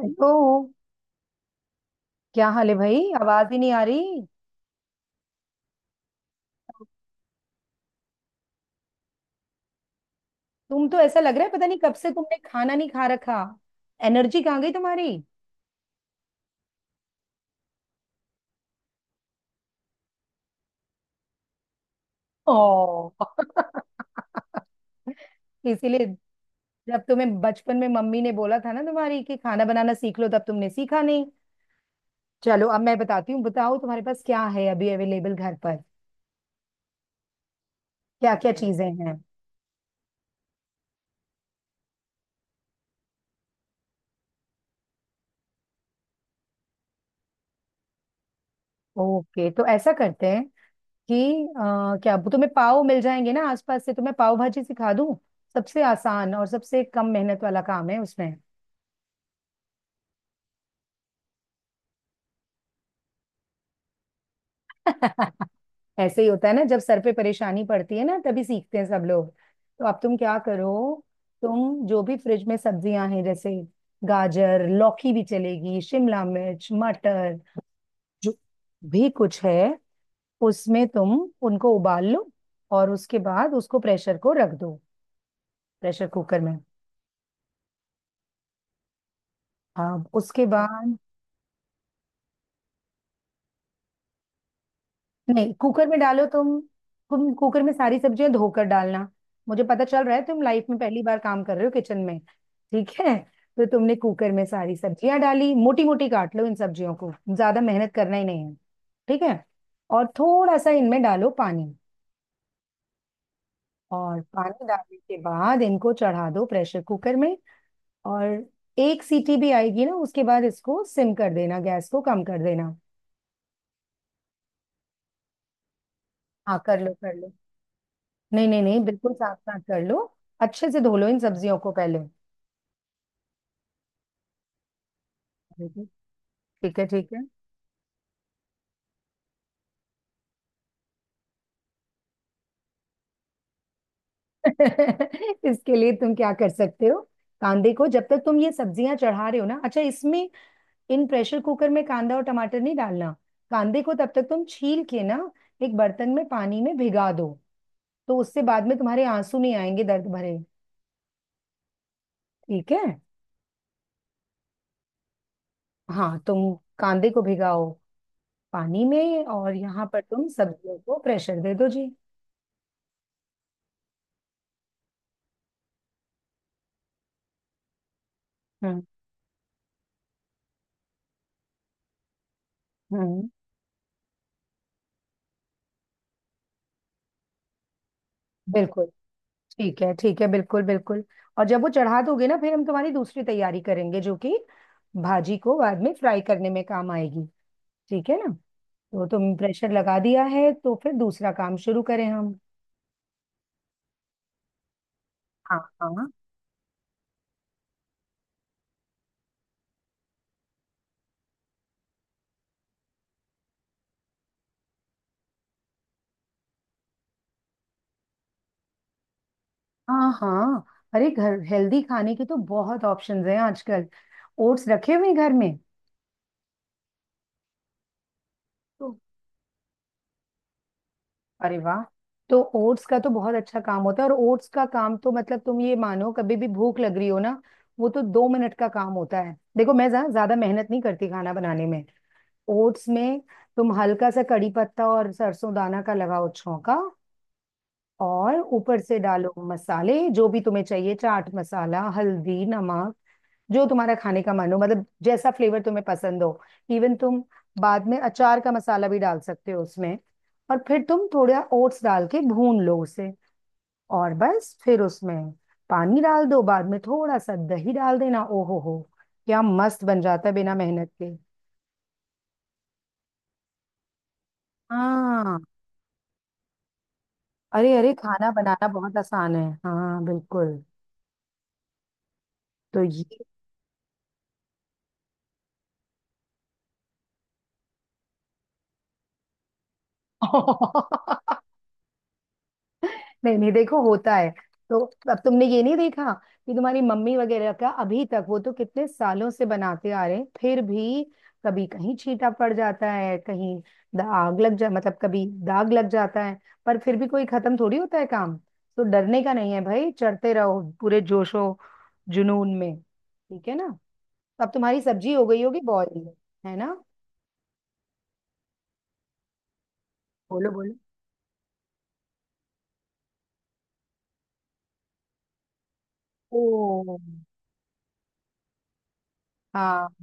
Hello. क्या हाल है भाई, आवाज ही नहीं आ रही। तुम तो ऐसा लग रहा है पता नहीं कब से तुमने खाना नहीं खा रखा, एनर्जी कहाँ गई तुम्हारी? ओ इसीलिए जब तुम्हें बचपन में मम्मी ने बोला था ना तुम्हारी कि खाना बनाना सीख लो, तब तुमने सीखा नहीं। चलो अब मैं बताती हूँ, बताओ तुम्हारे पास क्या है अभी अवेलेबल घर पर? क्या क्या चीजें हैं? ओके, तो ऐसा करते हैं कि क्या तुम्हें पाव मिल जाएंगे ना आसपास से? तुम्हें पाव भाजी सिखा दूं, सबसे आसान और सबसे कम मेहनत वाला काम है उसमें। ऐसे ही होता है ना, जब सर पे परेशानी पड़ती है ना तभी सीखते हैं सब लोग। तो अब तुम क्या करो, तुम जो भी फ्रिज में सब्जियां हैं जैसे गाजर, लौकी भी चलेगी, शिमला मिर्च, मटर, जो भी कुछ है उसमें, तुम उनको उबाल लो। और उसके बाद उसको प्रेशर को रख दो, प्रेशर कुकर में। अब उसके बाद नहीं, कुकर में डालो तुम। तुम कुकर में सारी सब्जियां धोकर डालना। मुझे पता चल रहा है तुम लाइफ में पहली बार काम कर रहे हो किचन में। ठीक है, तो तुमने कुकर में सारी सब्जियां डाली, मोटी मोटी काट लो इन सब्जियों को, ज्यादा मेहनत करना ही नहीं है। ठीक है, और थोड़ा सा इनमें डालो पानी, और पानी डालने के बाद इनको चढ़ा दो प्रेशर कुकर में। और एक सीटी भी आएगी ना, उसके बाद इसको सिम कर देना, गैस को कम कर देना। हाँ कर लो कर लो, नहीं नहीं नहीं, बिल्कुल साफ साफ कर लो। अच्छे से धो लो इन सब्जियों को पहले। बिल्कुल। ठीक है ठीक है। इसके लिए तुम क्या कर सकते हो, कांदे को जब तक तुम ये सब्जियां चढ़ा रहे हो ना, अच्छा इसमें, इन प्रेशर कुकर में कांदा और टमाटर नहीं डालना। कांदे को तब तक तुम छील के ना एक बर्तन में पानी में भिगा दो, तो उससे बाद में तुम्हारे आंसू नहीं आएंगे दर्द भरे। ठीक है। हाँ तुम कांदे को भिगाओ पानी में, और यहाँ पर तुम सब्जियों को प्रेशर दे दो जी। हम्म हम्म। बिल्कुल, ठीक है ठीक है, बिल्कुल बिल्कुल। और जब वो चढ़ा दोगे ना, फिर हम तुम्हारी दूसरी तैयारी करेंगे जो कि भाजी को बाद में फ्राई करने में काम आएगी। ठीक है ना? तो तुम प्रेशर लगा दिया है, तो फिर दूसरा काम शुरू करें हम? हाँ हाँ, हाँ हाँ। अरे घर हेल्दी खाने के तो बहुत ऑप्शंस हैं आजकल। ओट्स रखे हुए हैं घर में? तो अरे वाह, तो ओट्स का तो बहुत अच्छा काम होता है। और ओट्स का काम तो मतलब तुम ये मानो, कभी भी भूख लग रही हो ना, वो तो 2 मिनट का काम होता है। देखो मैं ज्यादा मेहनत नहीं करती खाना बनाने में। ओट्स में तुम हल्का सा कड़ी पत्ता और सरसों दाना का लगाओ छौंका, और ऊपर से डालो मसाले जो भी तुम्हें चाहिए, चाट मसाला, हल्दी, नमक, जो तुम्हारा खाने का मन हो, मतलब जैसा फ्लेवर तुम्हें पसंद हो। इवन तुम बाद में अचार का मसाला भी डाल सकते हो उसमें। और फिर तुम थोड़ा ओट्स डाल के भून लो उसे, और बस फिर उसमें पानी डाल दो, बाद में थोड़ा सा दही डाल देना। ओहो हो, क्या मस्त बन जाता है बिना मेहनत के। हाँ। अरे अरे, खाना बनाना बहुत आसान है, हाँ बिल्कुल। तो ये, नहीं नहीं, देखो होता है। तो अब तुमने ये नहीं देखा कि तुम्हारी मम्मी वगैरह का अभी तक, वो तो कितने सालों से बनाते आ रहे हैं फिर भी कभी कहीं छींटा पड़ जाता है, कहीं दाग लग जा, मतलब कभी दाग लग जाता है। पर फिर भी कोई खत्म थोड़ी होता है काम। तो डरने का नहीं है भाई, चढ़ते रहो पूरे जोशो जुनून में, ठीक है ना? तो अब तुम्हारी सब्जी हो गई होगी बॉईल, है ना? बोलो बोलो। ओ। हाँ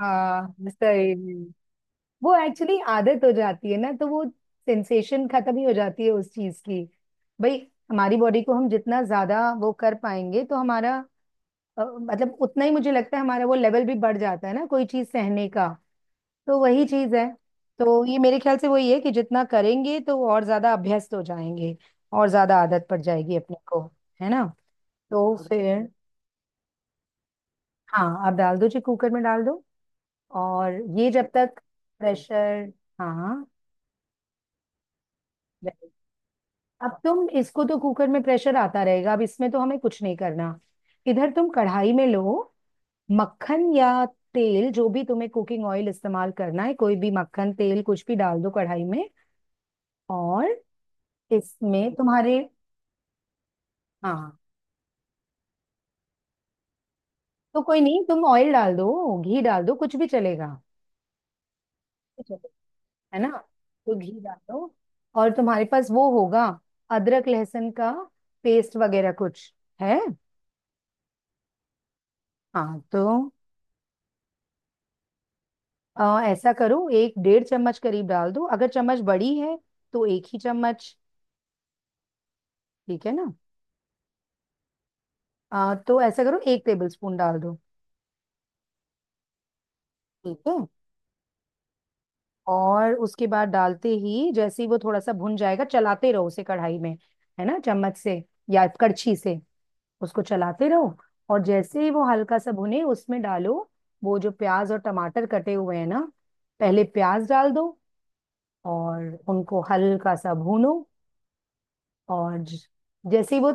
हाँ सही। वो एक्चुअली आदत हो जाती है ना, तो वो सेंसेशन खत्म ही हो जाती है उस चीज की। भाई, हमारी बॉडी को हम जितना ज्यादा वो कर पाएंगे, तो हमारा मतलब उतना ही मुझे लगता है हमारा वो लेवल भी बढ़ जाता है ना, कोई चीज सहने का। तो वही चीज है। तो ये मेरे ख्याल से वही है कि जितना करेंगे तो और ज्यादा अभ्यस्त हो जाएंगे, और ज्यादा आदत पड़ जाएगी अपने को, है ना? तो फिर हाँ आप डाल दो जी, कुकर में डाल दो। और ये जब तक प्रेशर, हाँ right। अब तुम इसको तो कुकर में प्रेशर आता रहेगा, अब इसमें तो हमें कुछ नहीं करना। इधर तुम कढ़ाई में लो मक्खन या तेल, जो भी तुम्हें कुकिंग ऑयल इस्तेमाल करना है, कोई भी, मक्खन, तेल, कुछ भी डाल दो कढ़ाई में। और इसमें तुम्हारे, हाँ तो कोई नहीं, तुम ऑयल डाल दो, घी डाल दो, कुछ भी चलेगा, कुछ भी, है ना? तो घी डाल दो। और तुम्हारे पास वो होगा अदरक लहसुन का पेस्ट वगैरह, कुछ है? हाँ, तो ऐसा करो, एक डेढ़ चम्मच करीब डाल दो, अगर चम्मच बड़ी है तो एक ही चम्मच। ठीक है ना? तो ऐसा करो एक टेबल स्पून डाल दो। ठीक है। और उसके बाद डालते ही, जैसे ही वो थोड़ा सा भुन जाएगा, चलाते रहो उसे कढ़ाई में, है ना, चम्मच से या कड़छी से, उसको चलाते रहो। और जैसे ही वो हल्का सा भुने, उसमें डालो वो जो प्याज और टमाटर कटे हुए हैं ना, पहले प्याज डाल दो, और उनको हल्का सा भूनो। और जैसे ही वो,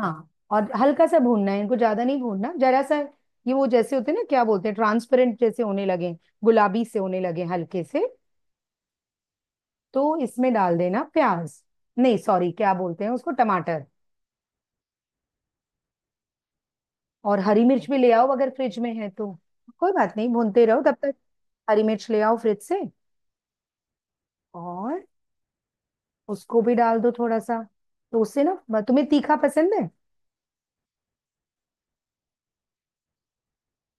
हाँ और हल्का सा भूनना है इनको, ज्यादा नहीं भूनना, जरा सा। ये वो जैसे होते हैं ना, क्या बोलते हैं, ट्रांसपेरेंट जैसे होने लगे, गुलाबी से होने लगे हल्के से, तो इसमें डाल देना प्याज। नहीं सॉरी, क्या बोलते हैं उसको, टमाटर। और हरी मिर्च भी ले आओ अगर फ्रिज में है तो। कोई बात नहीं, भूनते रहो तब तक। हरी मिर्च ले आओ फ्रिज से, और उसको भी डाल दो थोड़ा सा। तो उससे ना, तुम्हें तीखा पसंद है?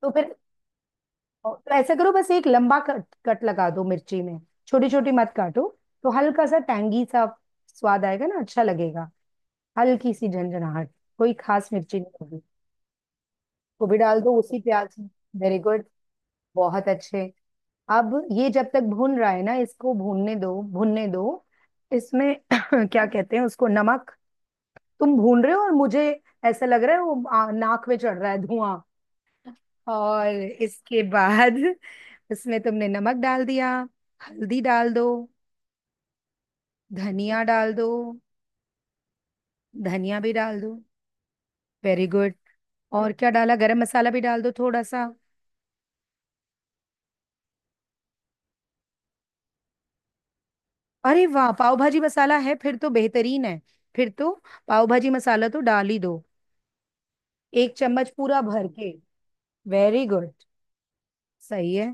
तो फिर और, तो ऐसा करो बस एक लंबा कट कट लगा दो मिर्ची में, छोटी छोटी मत काटो। तो हल्का सा टैंगी सा स्वाद आएगा ना, अच्छा लगेगा, हल्की सी झंझनाहट, कोई खास मिर्ची नहीं होगी। वो भी डाल दो उसी प्याज में। वेरी गुड, बहुत अच्छे। अब ये जब तक भून रहा है ना, इसको भूनने दो भूनने दो। इसमें क्या कहते हैं उसको, नमक। तुम भून रहे हो और मुझे ऐसा लग रहा है वो नाक में चढ़ रहा है धुआं। और इसके बाद उसमें तुमने नमक डाल दिया, हल्दी डाल दो, धनिया डाल दो, धनिया भी डाल दो। Very good. और क्या डाला, गरम मसाला भी डाल दो थोड़ा सा। अरे वाह पाव भाजी मसाला है, फिर तो बेहतरीन है। फिर तो पाव भाजी मसाला तो डाल ही दो, एक चम्मच पूरा भर के। वेरी गुड, सही है।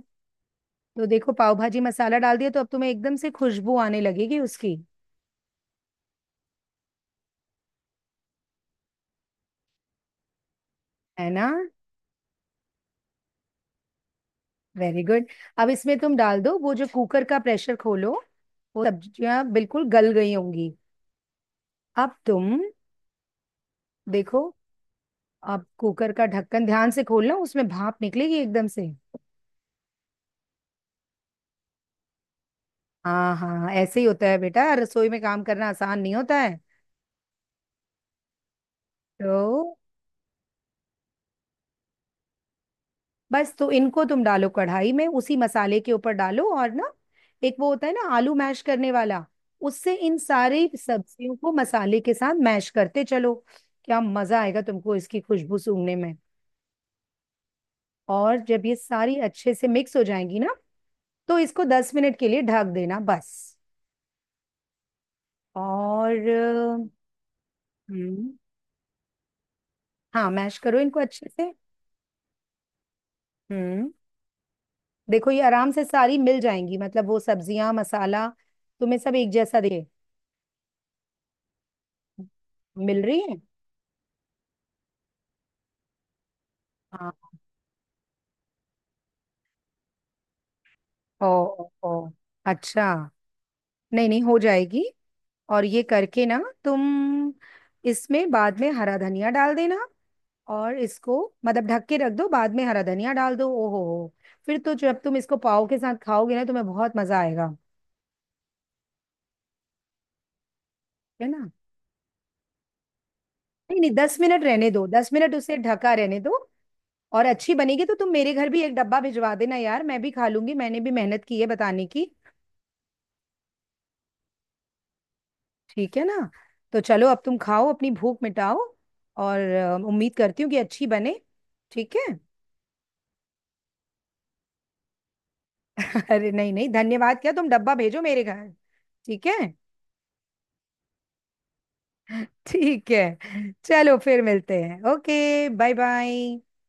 तो देखो पाव भाजी मसाला डाल दिया, तो अब तुम्हें एकदम से खुशबू आने लगेगी उसकी, है ना? Very good. अब इसमें तुम डाल दो, वो जो कुकर का प्रेशर खोलो, वो सब्जियां बिल्कुल गल गई होंगी। अब तुम देखो, अब कुकर का ढक्कन ध्यान से खोलना, उसमें भाप निकलेगी एकदम से। हाँ हाँ हाँ, ऐसे ही होता है बेटा, रसोई में काम करना आसान नहीं होता है। तो बस, तो इनको तुम डालो कढ़ाई में, उसी मसाले के ऊपर डालो। और ना, एक वो होता है ना आलू मैश करने वाला, उससे इन सारी सब्जियों को मसाले के साथ मैश करते चलो। क्या मजा आएगा तुमको इसकी खुशबू सूंघने में। और जब ये सारी अच्छे से मिक्स हो जाएंगी ना, तो इसको 10 मिनट के लिए ढक देना बस। और हम्म। हाँ मैश करो इनको अच्छे से। हम्म। देखो ये आराम से सारी मिल जाएंगी, मतलब वो सब्जियां मसाला, तुम्हें सब एक जैसा दे मिल रही है। हाँ। ओ ओ ओ, अच्छा, नहीं नहीं हो जाएगी। और ये करके ना, तुम इसमें बाद में हरा धनिया डाल देना। और इसको मतलब ढक के रख दो, बाद में हरा धनिया डाल दो। ओहो हो, फिर तो जब तुम इसको पाव के साथ खाओगे ना, तुम्हें बहुत मजा आएगा, है ना? नहीं नहीं, 10 मिनट रहने दो, 10 मिनट उसे ढका रहने दो। और अच्छी बनेगी तो तुम मेरे घर भी एक डब्बा भिजवा देना यार, मैं भी खा लूंगी, मैंने भी मेहनत की है बताने की। ठीक है ना? तो चलो अब तुम खाओ, अपनी भूख मिटाओ। और उम्मीद करती हूँ कि अच्छी बने, ठीक है। अरे नहीं नहीं धन्यवाद क्या, तुम डब्बा भेजो मेरे घर, ठीक है। ठीक है चलो फिर मिलते हैं, ओके, बाय बाय।